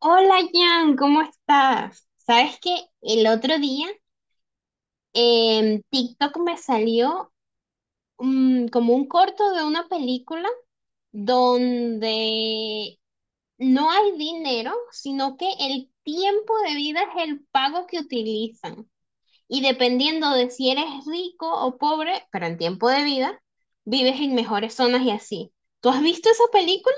Hola Jan, ¿cómo estás? Sabes que el otro día en TikTok me salió como un corto de una película donde no hay dinero, sino que el tiempo de vida es el pago que utilizan. Y dependiendo de si eres rico o pobre, pero en tiempo de vida, vives en mejores zonas y así. ¿Tú has visto esa película?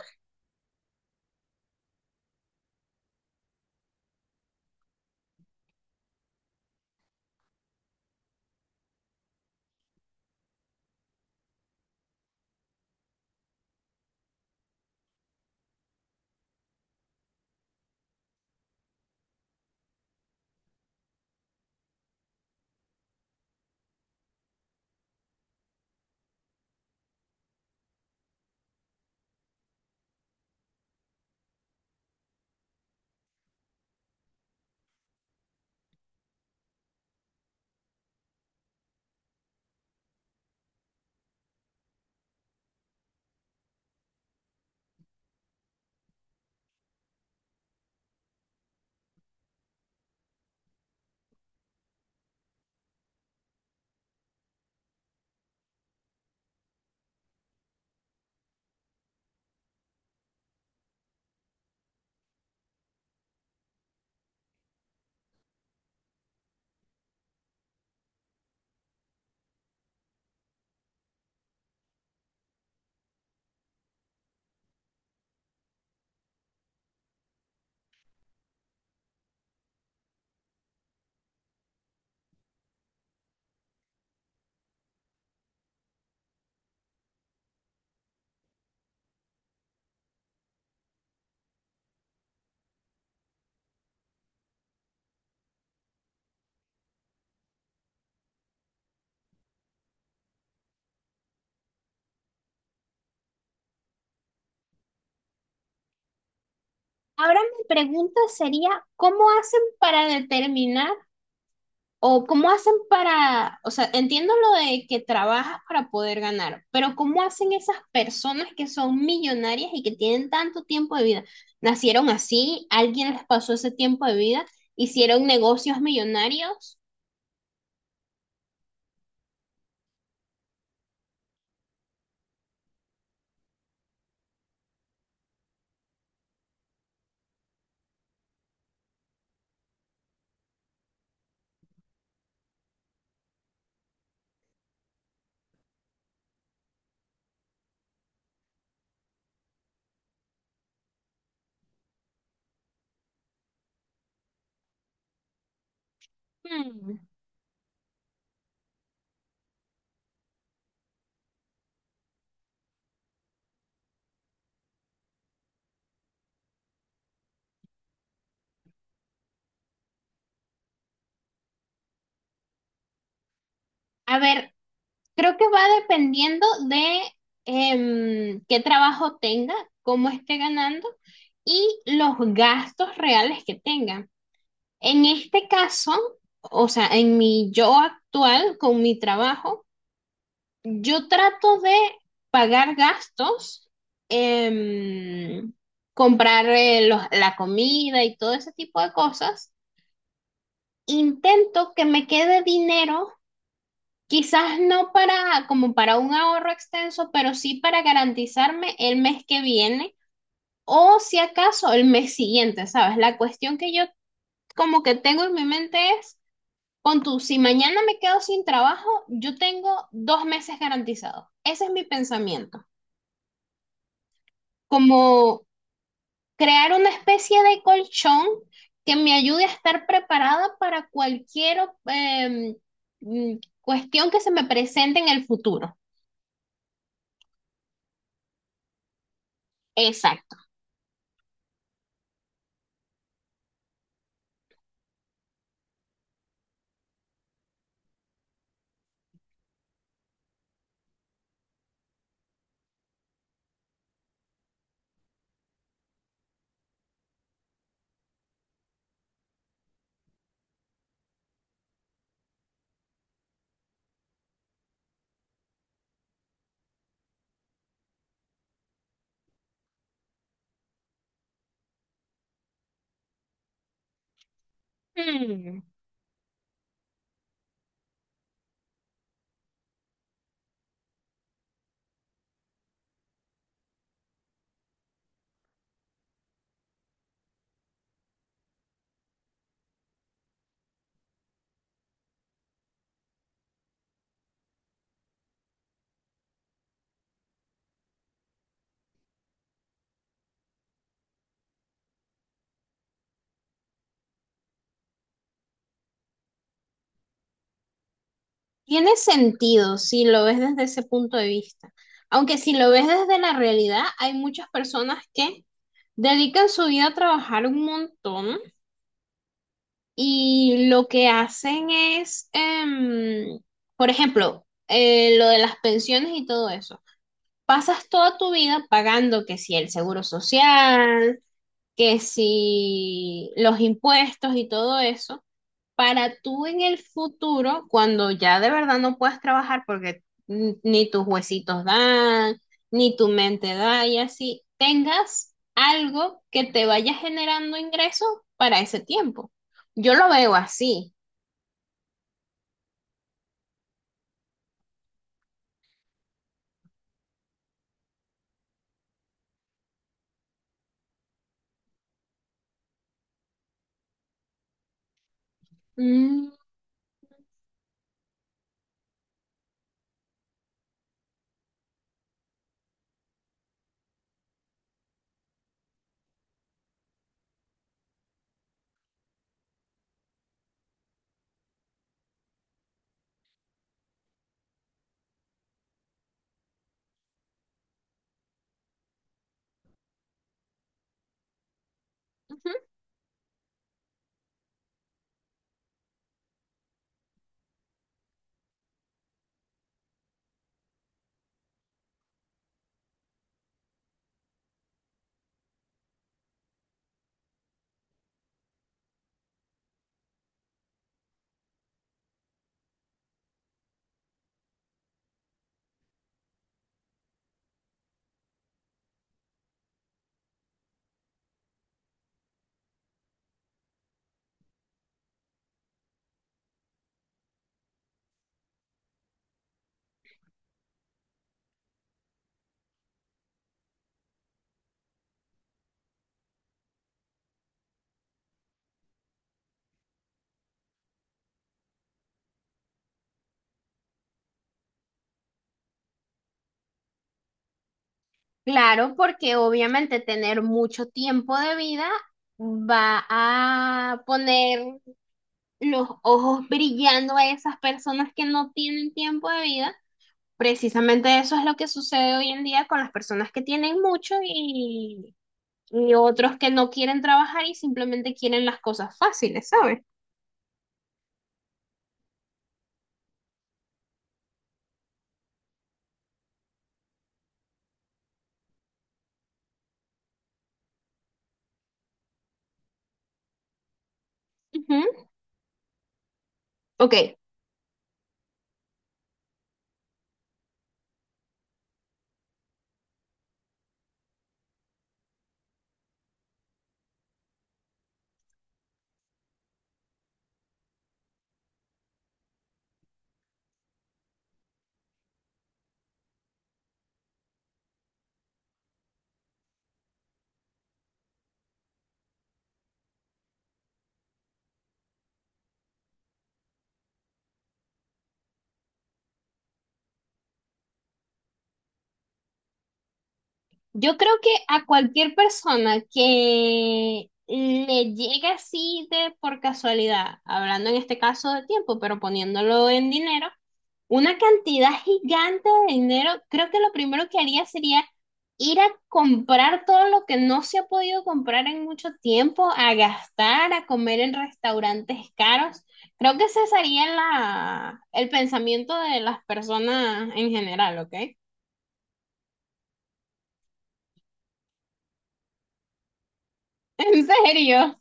Ahora mi pregunta sería, ¿cómo hacen para determinar? O cómo hacen para, o sea, entiendo lo de que trabajas para poder ganar, pero cómo hacen esas personas que son millonarias y que tienen tanto tiempo de vida. Nacieron así, alguien les pasó ese tiempo de vida, hicieron negocios millonarios. Hmm. A ver, creo que va dependiendo de qué trabajo tenga, cómo esté ganando y los gastos reales que tengan. En este caso, o sea, en mi yo actual, con mi trabajo, yo trato de pagar gastos, em, comprar la comida y todo ese tipo de cosas. Intento que me quede dinero, quizás no para como para un ahorro extenso, pero sí para garantizarme el mes que viene o si acaso el mes siguiente, ¿sabes? La cuestión que yo como que tengo en mi mente es, pon tú, si mañana me quedo sin trabajo, yo tengo dos meses garantizados. Ese es mi pensamiento. Como crear una especie de colchón que me ayude a estar preparada para cualquier em, cuestión que se me presente en el futuro. Exacto. Hmm. Tiene sentido si lo ves desde ese punto de vista. Aunque si lo ves desde la realidad, hay muchas personas que dedican su vida a trabajar un montón. Y lo que hacen es, por ejemplo, lo de las pensiones y todo eso. Pasas toda tu vida pagando que si el seguro social, que si los impuestos y todo eso. Para tú en el futuro, cuando ya de verdad no puedas trabajar porque ni tus huesitos dan, ni tu mente da y así, tengas algo que te vaya generando ingresos para ese tiempo. Yo lo veo así. Mm, ujú. Claro, porque obviamente tener mucho tiempo de vida va a poner los ojos brillando a esas personas que no tienen tiempo de vida. Precisamente eso es lo que sucede hoy en día con las personas que tienen mucho y otros que no quieren trabajar y simplemente quieren las cosas fáciles, ¿sabes? Ujú. Ok. Yo creo que a cualquier persona que le llegue así de por casualidad, hablando en este caso de tiempo, pero poniéndolo en dinero, una cantidad gigante de dinero, creo que lo primero que haría sería ir a comprar todo lo que no se ha podido comprar en mucho tiempo, a gastar, a comer en restaurantes caros. Creo que ese sería la, el pensamiento de las personas en general, ¿ok? En serio.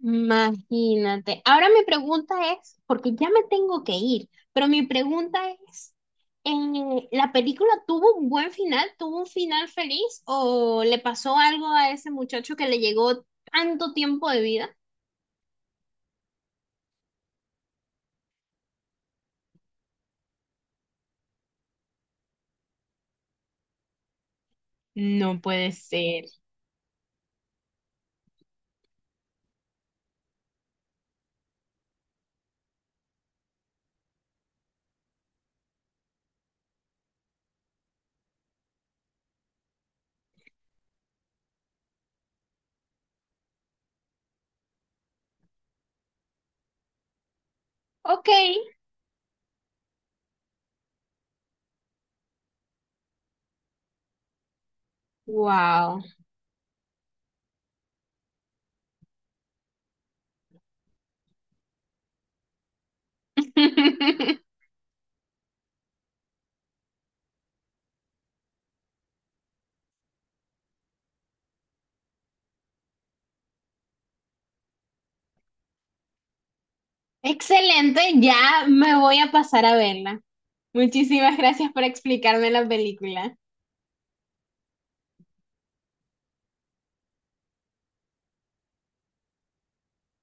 Imagínate. Ahora mi pregunta es, porque ya me tengo que ir, pero mi pregunta es, ¿la película tuvo un buen final? ¿Tuvo un final feliz? ¿O le pasó algo a ese muchacho que le llegó tanto tiempo de vida? No puede ser. Ok. Wow. Excelente, ya me voy a pasar a verla. Muchísimas gracias por explicarme la película.